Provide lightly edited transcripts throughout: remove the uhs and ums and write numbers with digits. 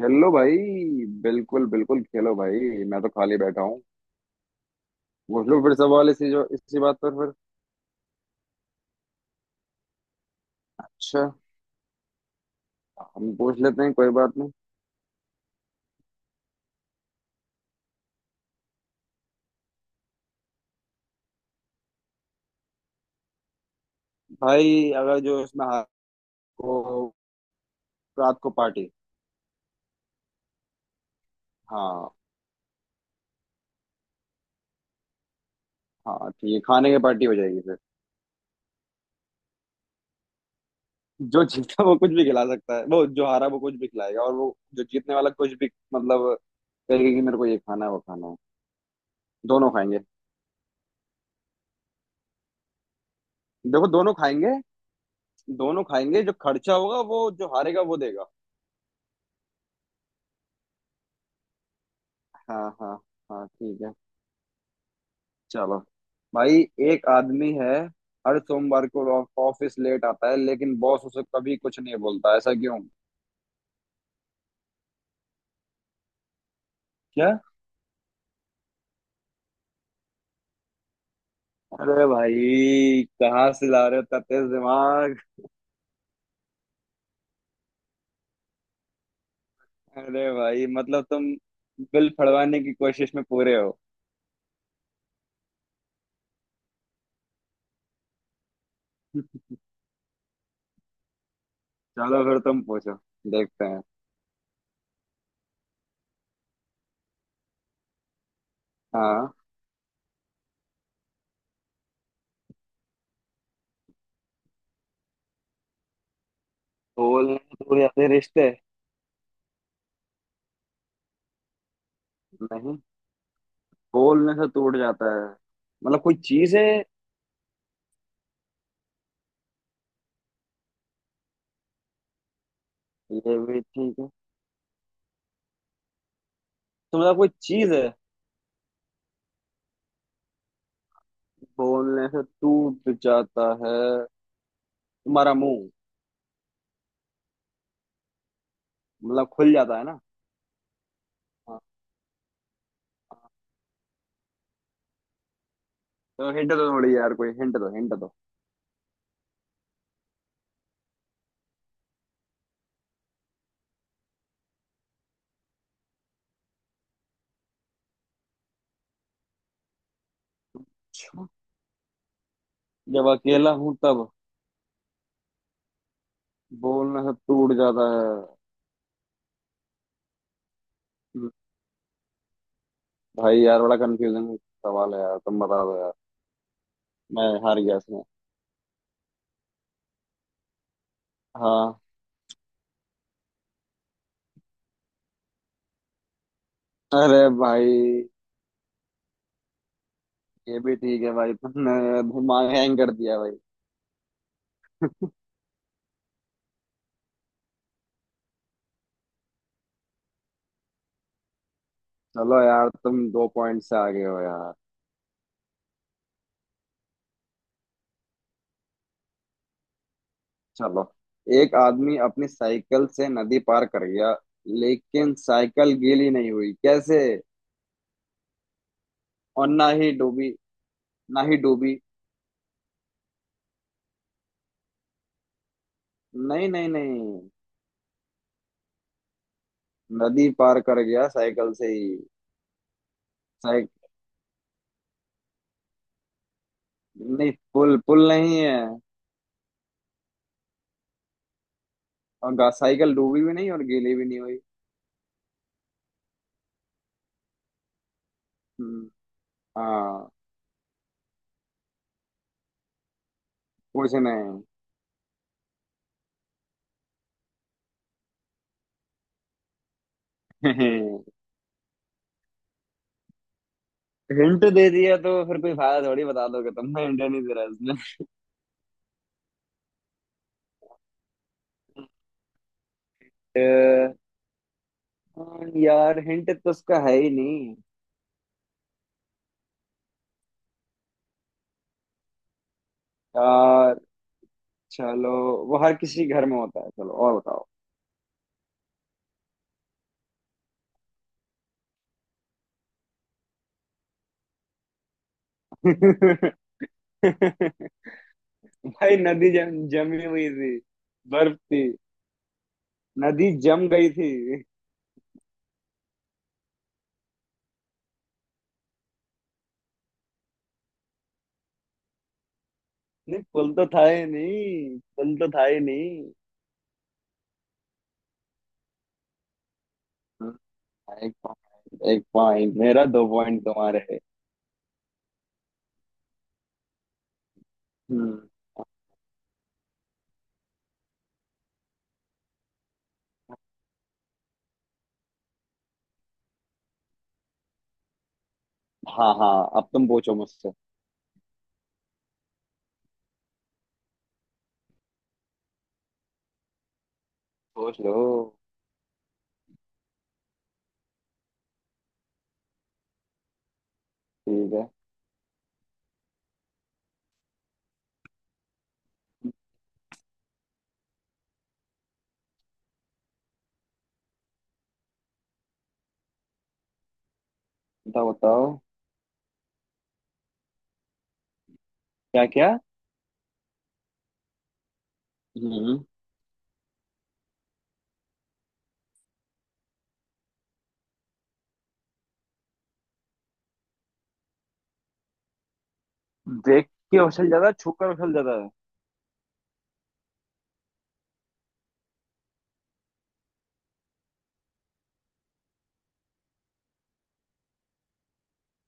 खेलो भाई। बिल्कुल बिल्कुल खेलो भाई। मैं तो खाली बैठा हूँ। पूछ लो फिर सवाल इसी जो इसी बात पर फिर। अच्छा। हम पूछ लेते हैं, कोई बात नहीं। भाई अगर जो इसमें हार को रात को पार्टी। हाँ। हाँ ठीक है, खाने की पार्टी हो जाएगी फिर। जो जीता वो कुछ भी खिला सकता है, वो जो हारा वो कुछ भी खिलाएगा। और वो जो जीतने वाला कुछ भी कहेगा कि मेरे को ये खाना है वो खाना है। दोनों खाएंगे। देखो, दोनों खाएंगे। दोनों खाएंगे, जो खर्चा होगा वो जो हारेगा वो देगा। हाँ हाँ। हाँ ठीक है। चलो भाई। एक आदमी है, हर सोमवार को ऑफिस लेट आता है, लेकिन बॉस उसे कभी कुछ नहीं बोलता। ऐसा क्यों? क्या? अरे भाई कहाँ से ला रहे हो इतना तेज दिमाग! अरे भाई, तुम बिल फड़वाने की कोशिश में पूरे हो। चलो फिर तुम पूछो, देखते हैं। हाँ। बोलने से टूट जाते हैं रिश्ते। नहीं? बोलने से टूट जाता है। मतलब कोई चीज है। ये भी ठीक है। तो मतलब कोई चीज है बोलने से टूट जाता है। तुम्हारा मुंह। मतलब खुल जाता है ना। हाँ तो हिंट दो थोड़ी यार। कोई हिंट दो, हिंट दो। अच्छा। जब अकेला हूँ तब बोलना सब टूट जाता है। हम्म, भाई यार बड़ा कंफ्यूजिंग सवाल है यार, तुम बता दो यार। मैं हार गया इसमें। हाँ। अरे भाई, ये भी ठीक है भाई, तुमने दिमाग हैंग कर दिया भाई। चलो यार, तुम दो पॉइंट से आगे हो यार। चलो। एक आदमी अपनी साइकिल से नदी पार कर गया, लेकिन साइकिल गीली नहीं हुई। कैसे? और ना ही डूबी। ना ही डूबी। नहीं नहीं नहीं। नदी पार कर गया साइकिल से ही। साइक नहीं, पुल पुल नहीं है। और साइकिल डूबी भी नहीं और गीली भी नहीं हुई। हम्म, हाँ, कुछ नहीं। हिंट दे दिया तो फिर कोई फायदा थोड़ी, बता दोगे तुम। हिंट नहीं दे रहा इसमें। अ, यार हिंट तो उसका है ही नहीं यार। चलो, वो हर किसी के घर में होता है। चलो और बताओ। भाई नदी जम जमी हुई थी, बर्फ थी। नदी जम गई थी। नहीं, पुल तो था ही नहीं, पुल तो था ही नहीं। हम्म, एक पॉइंट एक पॉइंट, मेरा दो पॉइंट तुम्हारे। हम्म। हाँ हाँ, अब तुम पूछो मुझसे। सोच लो। ठीक है। बताओ बताओ। क्या क्या? हम्म। देख के उछल जाता है, छू कर उछल जाता है।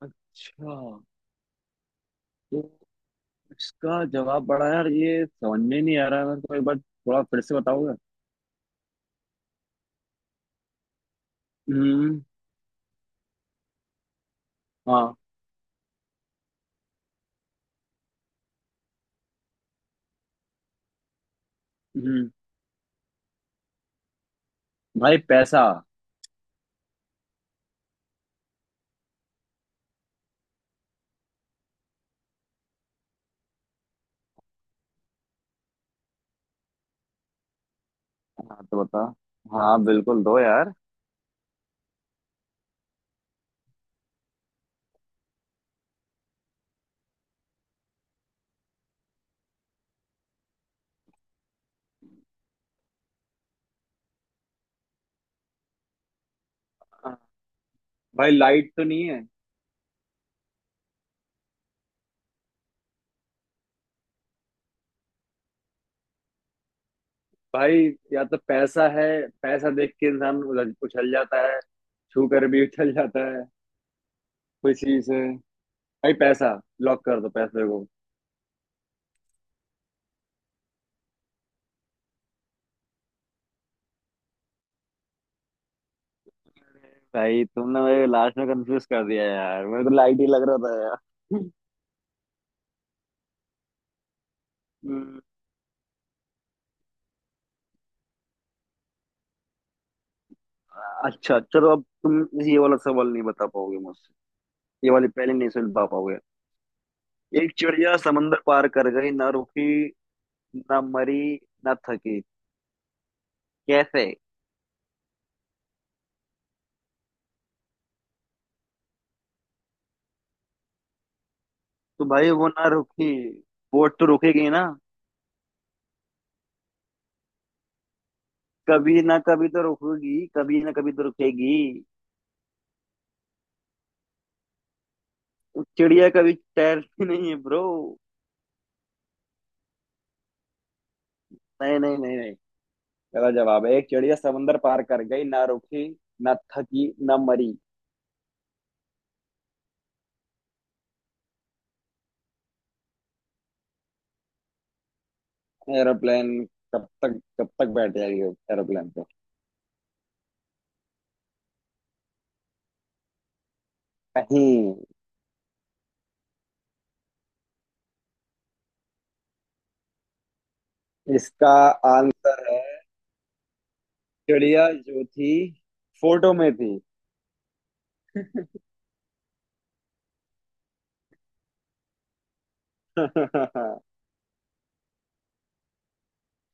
अच्छा। तो इसका जवाब बड़ा यार, ये समझ में नहीं आ रहा है मेरे को, एक बार थोड़ा फिर से बताओगे? हम्म। हाँ। हम्म। भाई पैसा? हाँ तो बता। हाँ बिल्कुल दो यार। हाँ, भाई लाइट तो नहीं है? भाई या तो पैसा है, पैसा देख के इंसान उछल जाता है। छू कर भी उछल जाता है। कोई चीज है। भाई पैसा। लॉक कर दो पैसे को। भाई तुमने मेरे लास्ट में कंफ्यूज कर दिया यार, मेरे को लाइट ही लग रहा था यार। हम्म, अच्छा चलो, अब तुम ये वाला सवाल नहीं बता पाओगे मुझसे। ये वाली पहले नहीं सुलझा पाओगे। एक चिड़िया समंदर पार कर गई, ना रुकी, ना मरी, ना थकी। कैसे? तो भाई वो ना रुकी। बोट तो रुकेगी ना? कभी ना कभी तो रुकेगी, कभी ना कभी तो रुकेगी। उस चिड़िया कभी तैरती नहीं है ब्रो। नहीं नहीं नहीं नहीं। गलत जवाब है। एक चिड़िया समंदर पार कर गई, ना रुकी, ना थकी, ना मरी। एरोप्लेन? कब तक बैठ जाएगी एरोप्लेन पे? नहीं। इसका आंसर है, चिड़िया जो थी, फोटो में थी।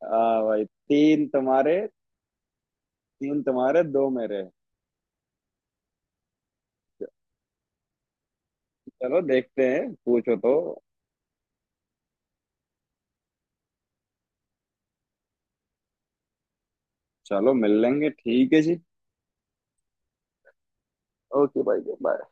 हाँ भाई, तीन तुम्हारे, दो मेरे। चलो देखते हैं, पूछो तो। चलो मिल लेंगे, ठीक है जी। ओके भाई, बाय।